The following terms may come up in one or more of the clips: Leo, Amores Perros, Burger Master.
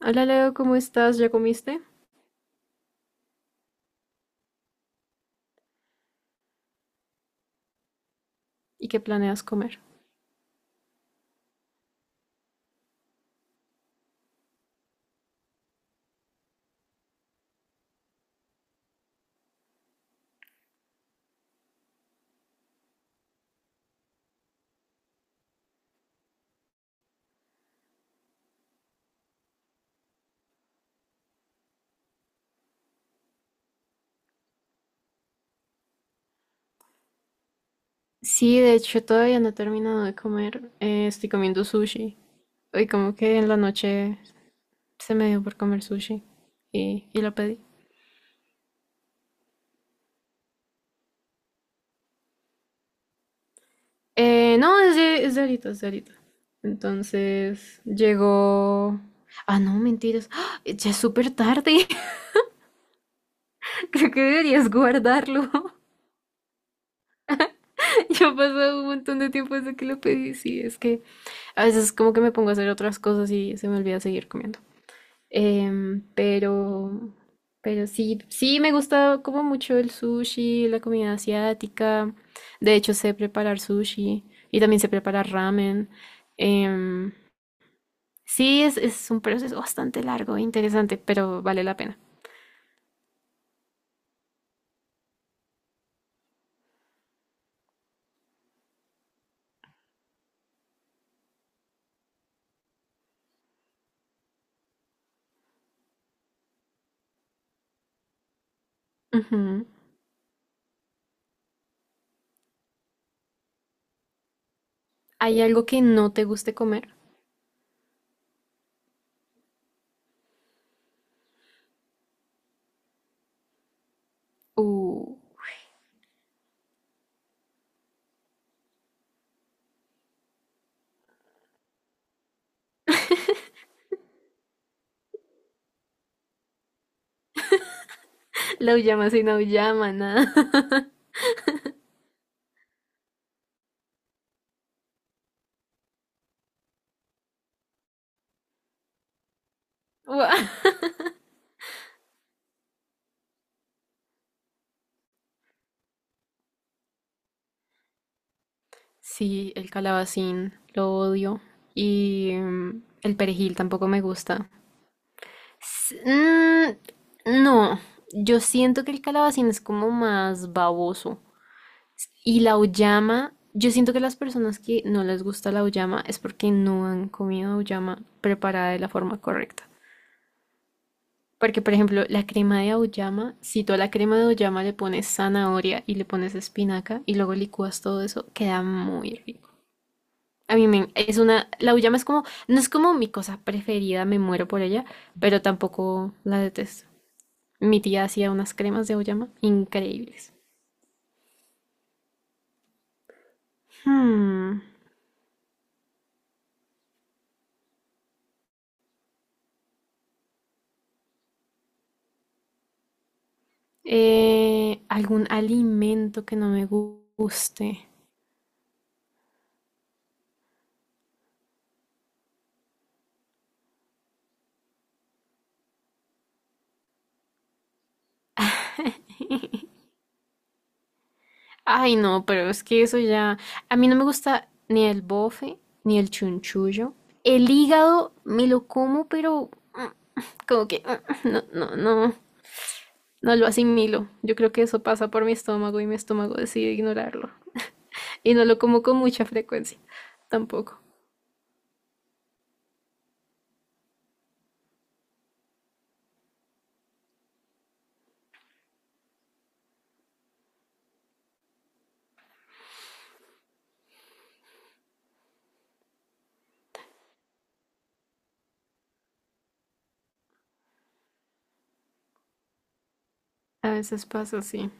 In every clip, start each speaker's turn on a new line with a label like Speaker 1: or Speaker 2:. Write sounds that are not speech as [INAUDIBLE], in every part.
Speaker 1: Hola Leo, ¿cómo estás? ¿Ya comiste? ¿Y qué planeas comer? Sí, de hecho todavía no he terminado de comer. Estoy comiendo sushi. Hoy como que en la noche se me dio por comer sushi y lo pedí. No, es de ahorita, es de ahorita. Entonces llegó... Ah, no, mentiras. ¡Ah! Ya es súper tarde. [LAUGHS] Creo que deberías guardarlo. [LAUGHS] Ya ha pasado un montón de tiempo desde que lo pedí. Sí, es que a veces como que me pongo a hacer otras cosas y se me olvida seguir comiendo. Em, pero, pero sí me gusta como mucho el sushi, la comida asiática. De hecho, sé preparar sushi y también sé preparar ramen. Em, sí, es un proceso bastante largo e interesante, pero vale la pena. Ujú. ¿Hay algo que no te guste comer? Uh, [LAUGHS] la uyama sin auyama, nada. [LAUGHS] Guau. Sí, el calabacín, lo odio. Y el perejil tampoco me gusta. S- mm, no, yo siento que el calabacín es como más baboso. Y la auyama, yo siento que las personas que no les gusta la auyama es porque no han comido auyama preparada de la forma correcta. Porque, por ejemplo, la crema de auyama, si tú a la crema de auyama le pones zanahoria y le pones espinaca y luego licúas todo eso, queda muy rico. A mí me, es una, La auyama es como, no es como mi cosa preferida, me muero por ella, pero tampoco la detesto. Mi tía hacía unas cremas de auyama increíbles. Hmm, Algún alimento que no me guste. [LAUGHS] Ay, no, pero es que eso ya. A mí no me gusta ni el bofe, ni el chunchullo. El hígado me lo como, pero mm, como que no, no, no, no lo asimilo. Yo creo que eso pasa por mi estómago y mi estómago decide ignorarlo. Y no lo como con mucha frecuencia. Tampoco. A veces pasa así.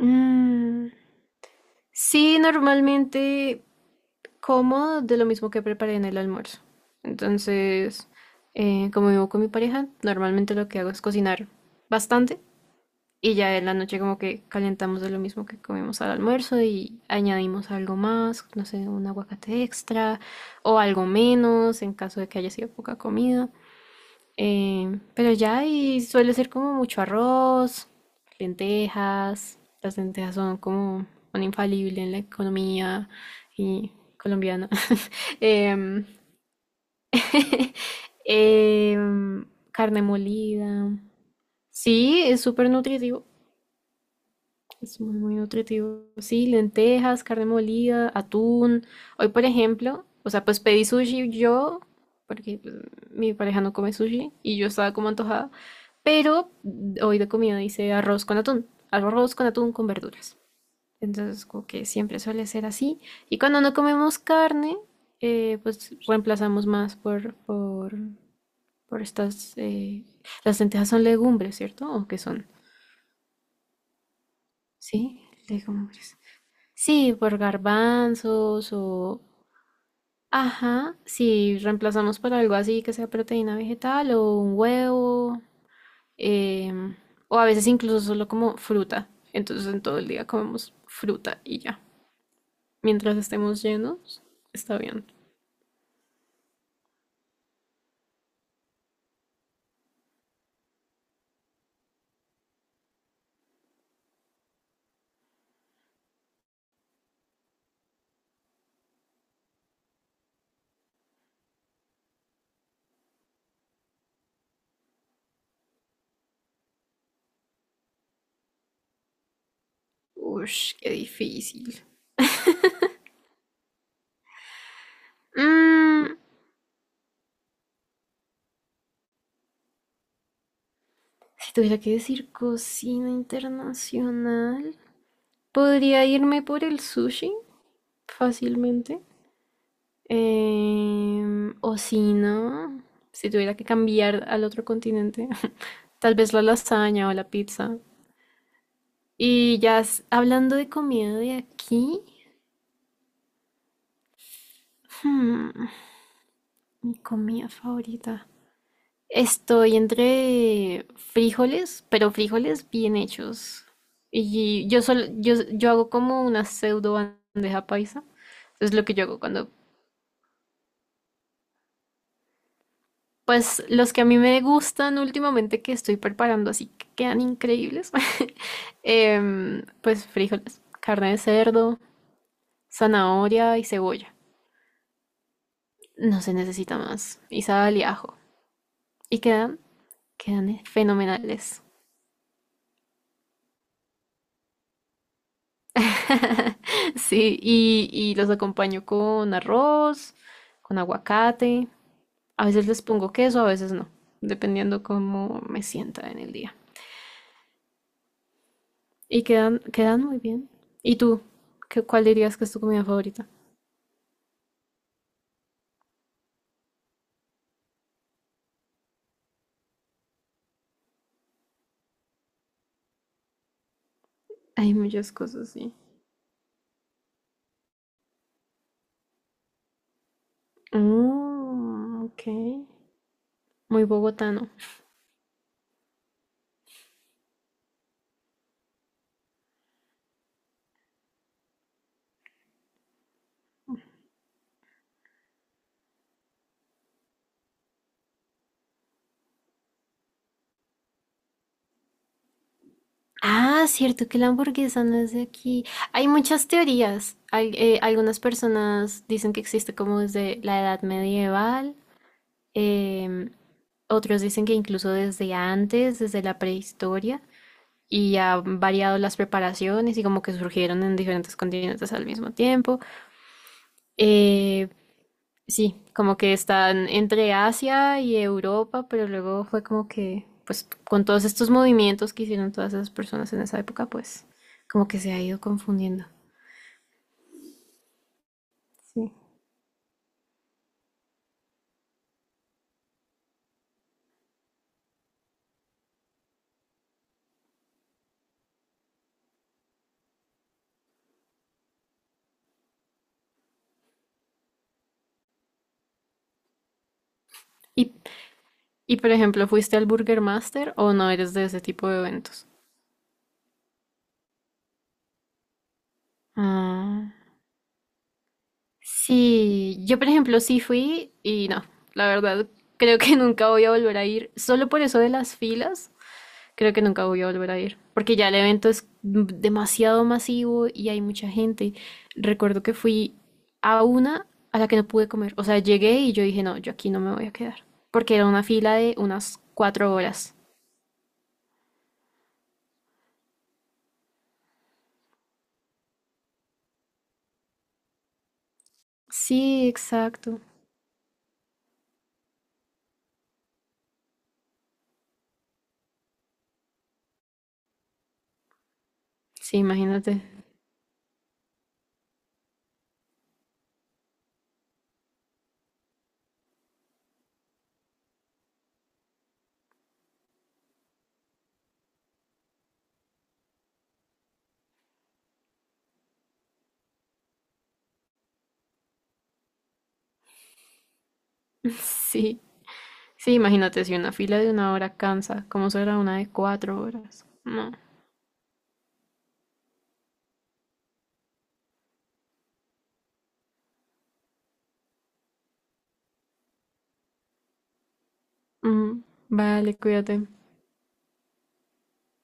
Speaker 1: Mm, Sí, normalmente como de lo mismo que preparé en el almuerzo. Entonces, como vivo con mi pareja, normalmente lo que hago es cocinar bastante y ya en la noche como que calentamos de lo mismo que comimos al almuerzo y añadimos algo más, no sé, un aguacate extra o algo menos en caso de que haya sido poca comida. Pero ya, y suele ser como mucho arroz, lentejas. Las lentejas son como un infalible en la economía y colombiana. [LAUGHS] Em, [LAUGHS] em, carne molida. Sí, es súper nutritivo. Es muy, muy nutritivo. Sí, lentejas, carne molida, atún. Hoy, por ejemplo, o sea, pues pedí sushi yo, porque pues, mi pareja no come sushi y yo estaba como antojada. Pero hoy de comida hice arroz con atún. Arroz con atún con verduras. Entonces, como que siempre suele ser así. Y cuando no comemos carne, pues reemplazamos más por estas... las lentejas son legumbres, ¿cierto? ¿O qué son? Sí, legumbres. Sí, por garbanzos o... Ajá, si reemplazamos por algo así que sea proteína vegetal o un huevo, em, o a veces incluso solo como fruta. Entonces en todo el día comemos fruta y ya. Mientras estemos llenos, está bien. Ush, qué difícil. Mm, si tuviera que decir cocina internacional, podría irme por el sushi fácilmente. O si no, si tuviera que cambiar al otro continente, [LAUGHS] tal vez la lasaña o la pizza. Y ya hablando de comida de aquí, hmm, mi comida favorita. Estoy entre frijoles, pero frijoles bien hechos. Y yo hago como una pseudo bandeja paisa. Es lo que yo hago cuando. Pues los que a mí me gustan últimamente que estoy preparando, así que quedan increíbles, [LAUGHS] pues frijoles, carne de cerdo, zanahoria y cebolla. No se necesita más. Y sal y ajo. Y quedan fenomenales. [LAUGHS] Sí, y los acompaño con arroz, con aguacate. A veces les pongo queso, a veces no, dependiendo cómo me sienta en el día. Y quedan muy bien. ¿Y tú? ¿Cuál dirías que es tu comida favorita? Hay muchas cosas, sí. Mm, ok. Muy bogotano. Ah, cierto que la hamburguesa no es de aquí. Hay muchas teorías. Algunas personas dicen que existe como desde la edad medieval. em, Otros dicen que incluso desde antes, desde la prehistoria. Y ha variado las preparaciones y como que surgieron en diferentes continentes al mismo tiempo. Eh, Sí, como que están entre Asia y Europa, pero luego fue como que, pues con todos estos movimientos que hicieron todas esas personas en esa época, pues como que se ha ido confundiendo. Sí. Y, y por ejemplo, ¿fuiste al Burger Master o no eres de ese tipo de eventos? Ah, sí, yo por ejemplo sí fui y no, la verdad creo que [LAUGHS] nunca voy a volver a ir, solo por eso de las filas. Creo que nunca voy a volver a ir, porque ya el evento es demasiado masivo y hay mucha gente. Recuerdo que fui a una, a la que no pude comer. O sea, llegué y yo dije, no, yo aquí no me voy a quedar, porque era una fila de unas 4 horas. Sí, exacto. Sí, imagínate. [LAUGHS] Sí, sí, imagínate, si una fila de 1 hora cansa, ¿cómo será una de 4 horas? No. Ujú. Vale, cuídate.